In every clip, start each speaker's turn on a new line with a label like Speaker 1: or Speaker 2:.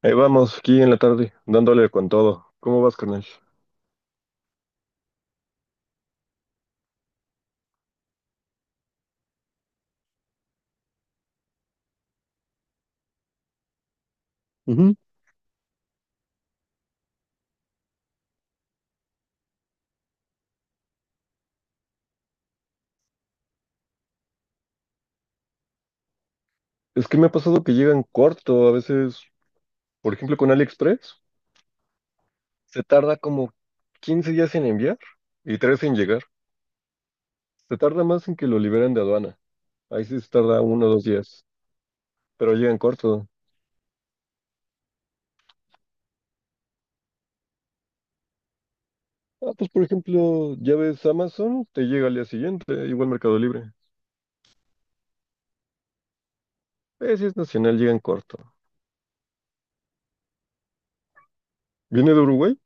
Speaker 1: Ahí vamos, aquí en la tarde, dándole con todo. ¿Cómo vas, carnal? Ujú. Es que me ha pasado que llegan corto, a veces, por ejemplo, con AliExpress, se tarda como 15 días en enviar y 3 en llegar. Se tarda más en que lo liberen de aduana. Ahí sí se tarda uno o dos días, pero llegan corto. Ah, pues por ejemplo, ya ves Amazon, te llega al día siguiente, igual Mercado Libre. Si es nacional, llegan corto. ¿Viene de Uruguay?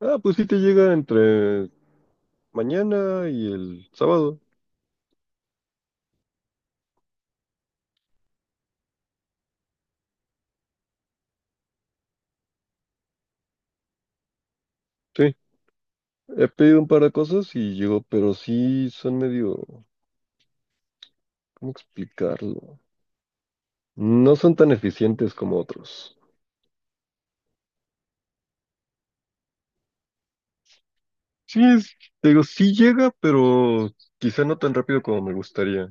Speaker 1: Ah, pues sí te llega entre mañana y el sábado. Sí. He pedido un par de cosas y llegó, pero sí son medio, ¿cómo explicarlo? No son tan eficientes como otros. Sí, te digo, sí llega, pero quizá no tan rápido como me gustaría.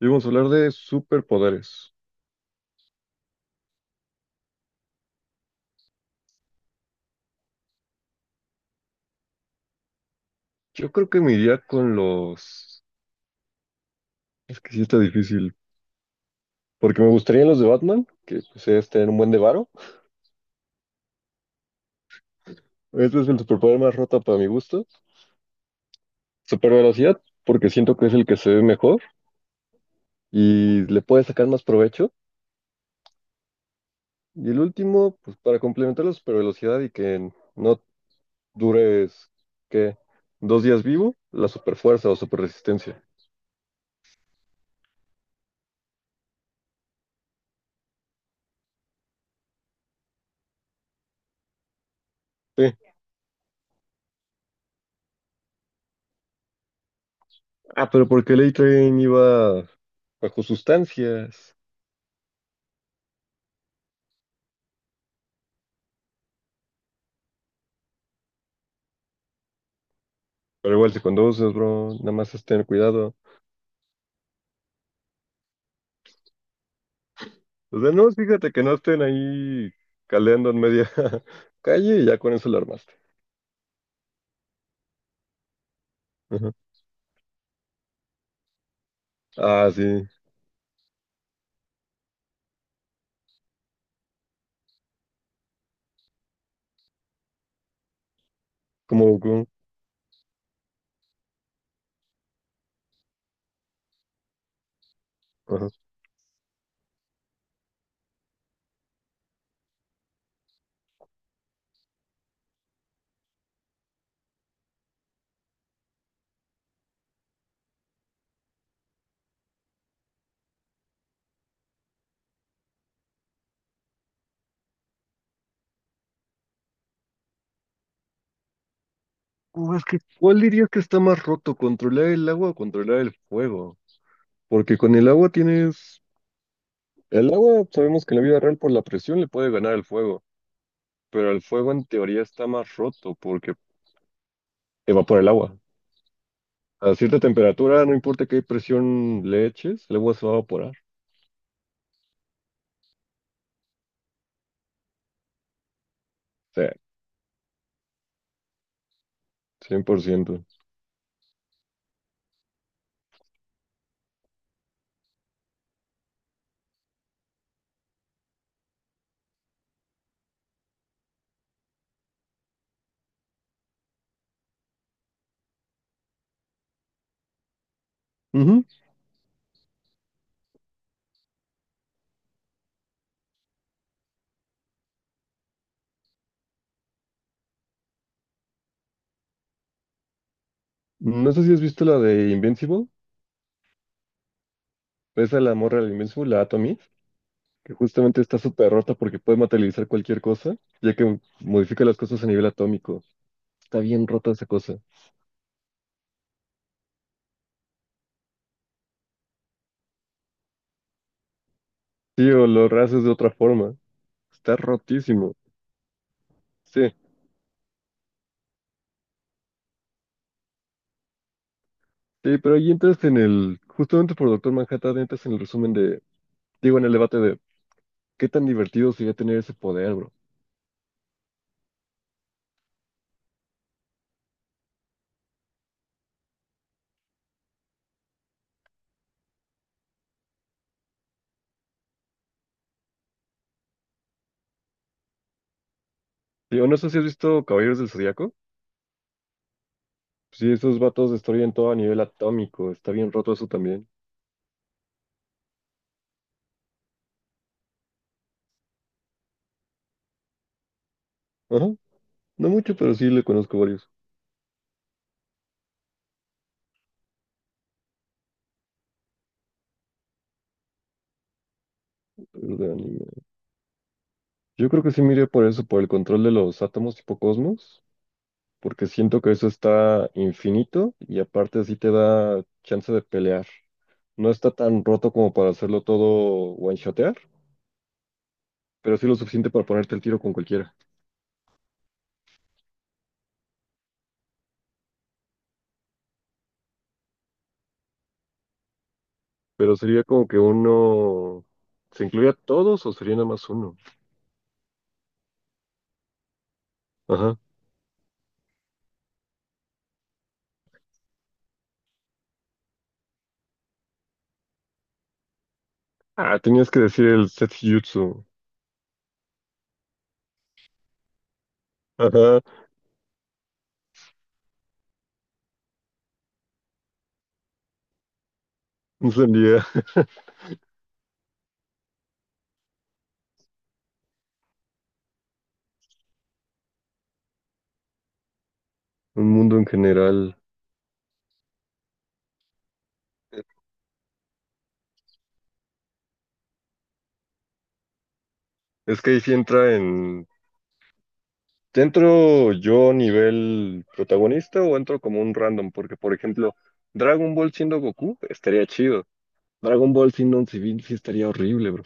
Speaker 1: Y vamos a hablar de superpoderes. Yo creo que me iría con los... Es que sí está difícil, porque me gustarían los de Batman, que pues es tener un buen de varo. Este es el superpoder más roto para mi gusto. Super velocidad, porque siento que es el que se ve mejor y le puede sacar más provecho. Y el último, pues para complementar la supervelocidad y que no dures, ¿qué? ¿Dos días vivo? La superfuerza o superresistencia. Sí. Ah, pero porque el A-Train iba bajo sustancias. Pero igual si conduces, bro, nada más es tener cuidado. O sea, no, fíjate que no estén ahí caleando en media calle y ya con eso lo armaste. Ajá. Ah, sí, como Goku. Ajá. Es que, ¿cuál dirías que está más roto? ¿Controlar el agua o controlar el fuego? Porque con el agua tienes. El agua, sabemos que en la vida real por la presión le puede ganar el fuego, pero el fuego en teoría está más roto porque evapora el agua. A cierta temperatura, no importa qué presión le eches, el agua se va a evaporar. Sí, 100%. Ujú. No sé si has visto la de Invincible, esa a la morra de Invincible, la Atomy, que justamente está súper rota porque puede materializar cualquier cosa, ya que modifica las cosas a nivel atómico. Está bien rota esa cosa. Sí, o lo haces de otra forma. Está rotísimo. Sí. Sí, pero ahí entras en el, justamente por Doctor Manhattan, entras en el resumen de, digo, en el debate de qué tan divertido sería tener ese poder, bro. Digo, no sé si has visto Caballeros del Zodíaco. Sí, esos vatos destruyen todo a nivel atómico, está bien roto eso también. Ajá, no mucho, pero sí le conozco varios de anime. Yo creo que sí miré por eso, por el control de los átomos tipo cosmos, porque siento que eso está infinito y aparte así te da chance de pelear. No está tan roto como para hacerlo todo one-shotear pero sí lo suficiente para ponerte el tiro con cualquiera. Pero sería como que uno... ¿Se incluye a todos o sería nada más uno? Ajá. Ah, tenías que decir el Setjutsu. Ajá. No sería un mundo en general. Es que ahí sí entra en... ¿Ya ¿Entro yo nivel protagonista o entro como un random? Porque, por ejemplo, Dragon Ball siendo Goku estaría chido. Dragon Ball siendo un civil sí estaría horrible, bro.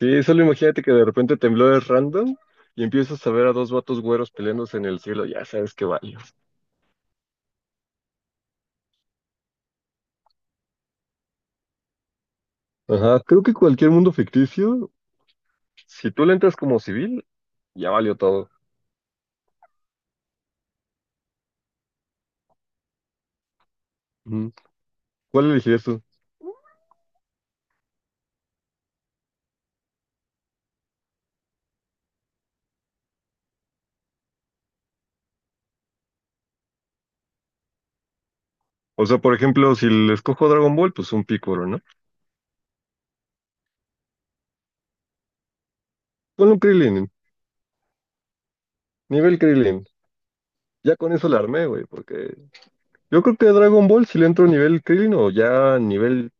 Speaker 1: Sí, solo imagínate que de repente temblores random y empiezas a ver a dos vatos güeros peleándose en el cielo, ya sabes que valió. Ajá, creo que cualquier mundo ficticio, si tú le entras como civil, ya valió todo. Ujú. ¿Cuál elegirías tú? O sea, por ejemplo, si le escojo Dragon Ball, pues un Piccolo, ¿no? Con un Krillin, nivel Krillin. Ya con eso la armé, güey, porque yo creo que a Dragon Ball si le entro nivel Krillin o ya nivel,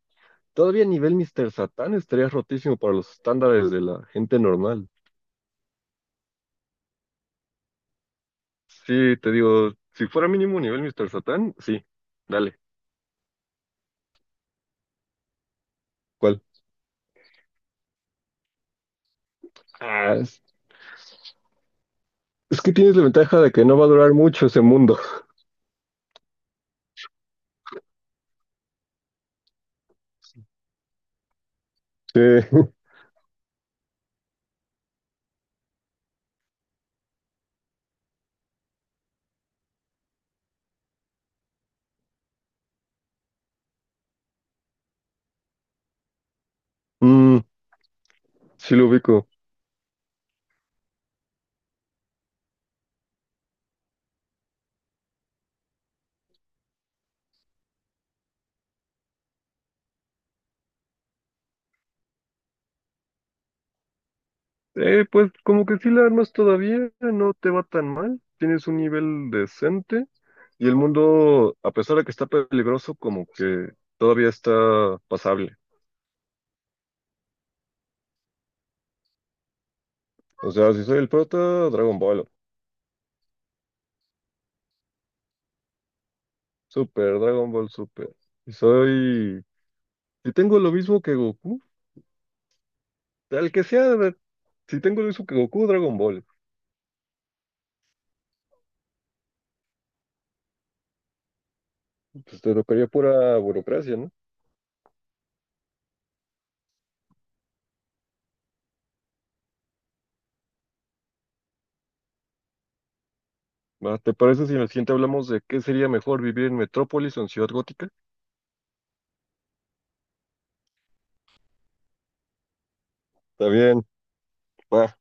Speaker 1: todavía nivel Mr. Satan estaría rotísimo para los estándares de la gente normal. Sí, te digo, si fuera mínimo nivel Mr. Satán, sí, dale. ¿Cuál? Ah, es, es que tienes la ventaja de que no va a durar mucho ese mundo. Sí, Mm, sí lo ubico. Pues como que sí la armas todavía, no te va tan mal. Tienes un nivel decente y el mundo, a pesar de que está peligroso, como que todavía está pasable. O sea, si soy el prota, Dragon Ball. Super, Dragon Ball Super. Si soy... Si tengo lo mismo que Goku. Al que sea, a ver, si tengo el uso que Goku, Dragon Ball, pues te tocaría pura burocracia, ¿no? Va, ¿te parece si en el siguiente hablamos de qué sería mejor vivir en metrópolis o en ciudad gótica? Está bien, va.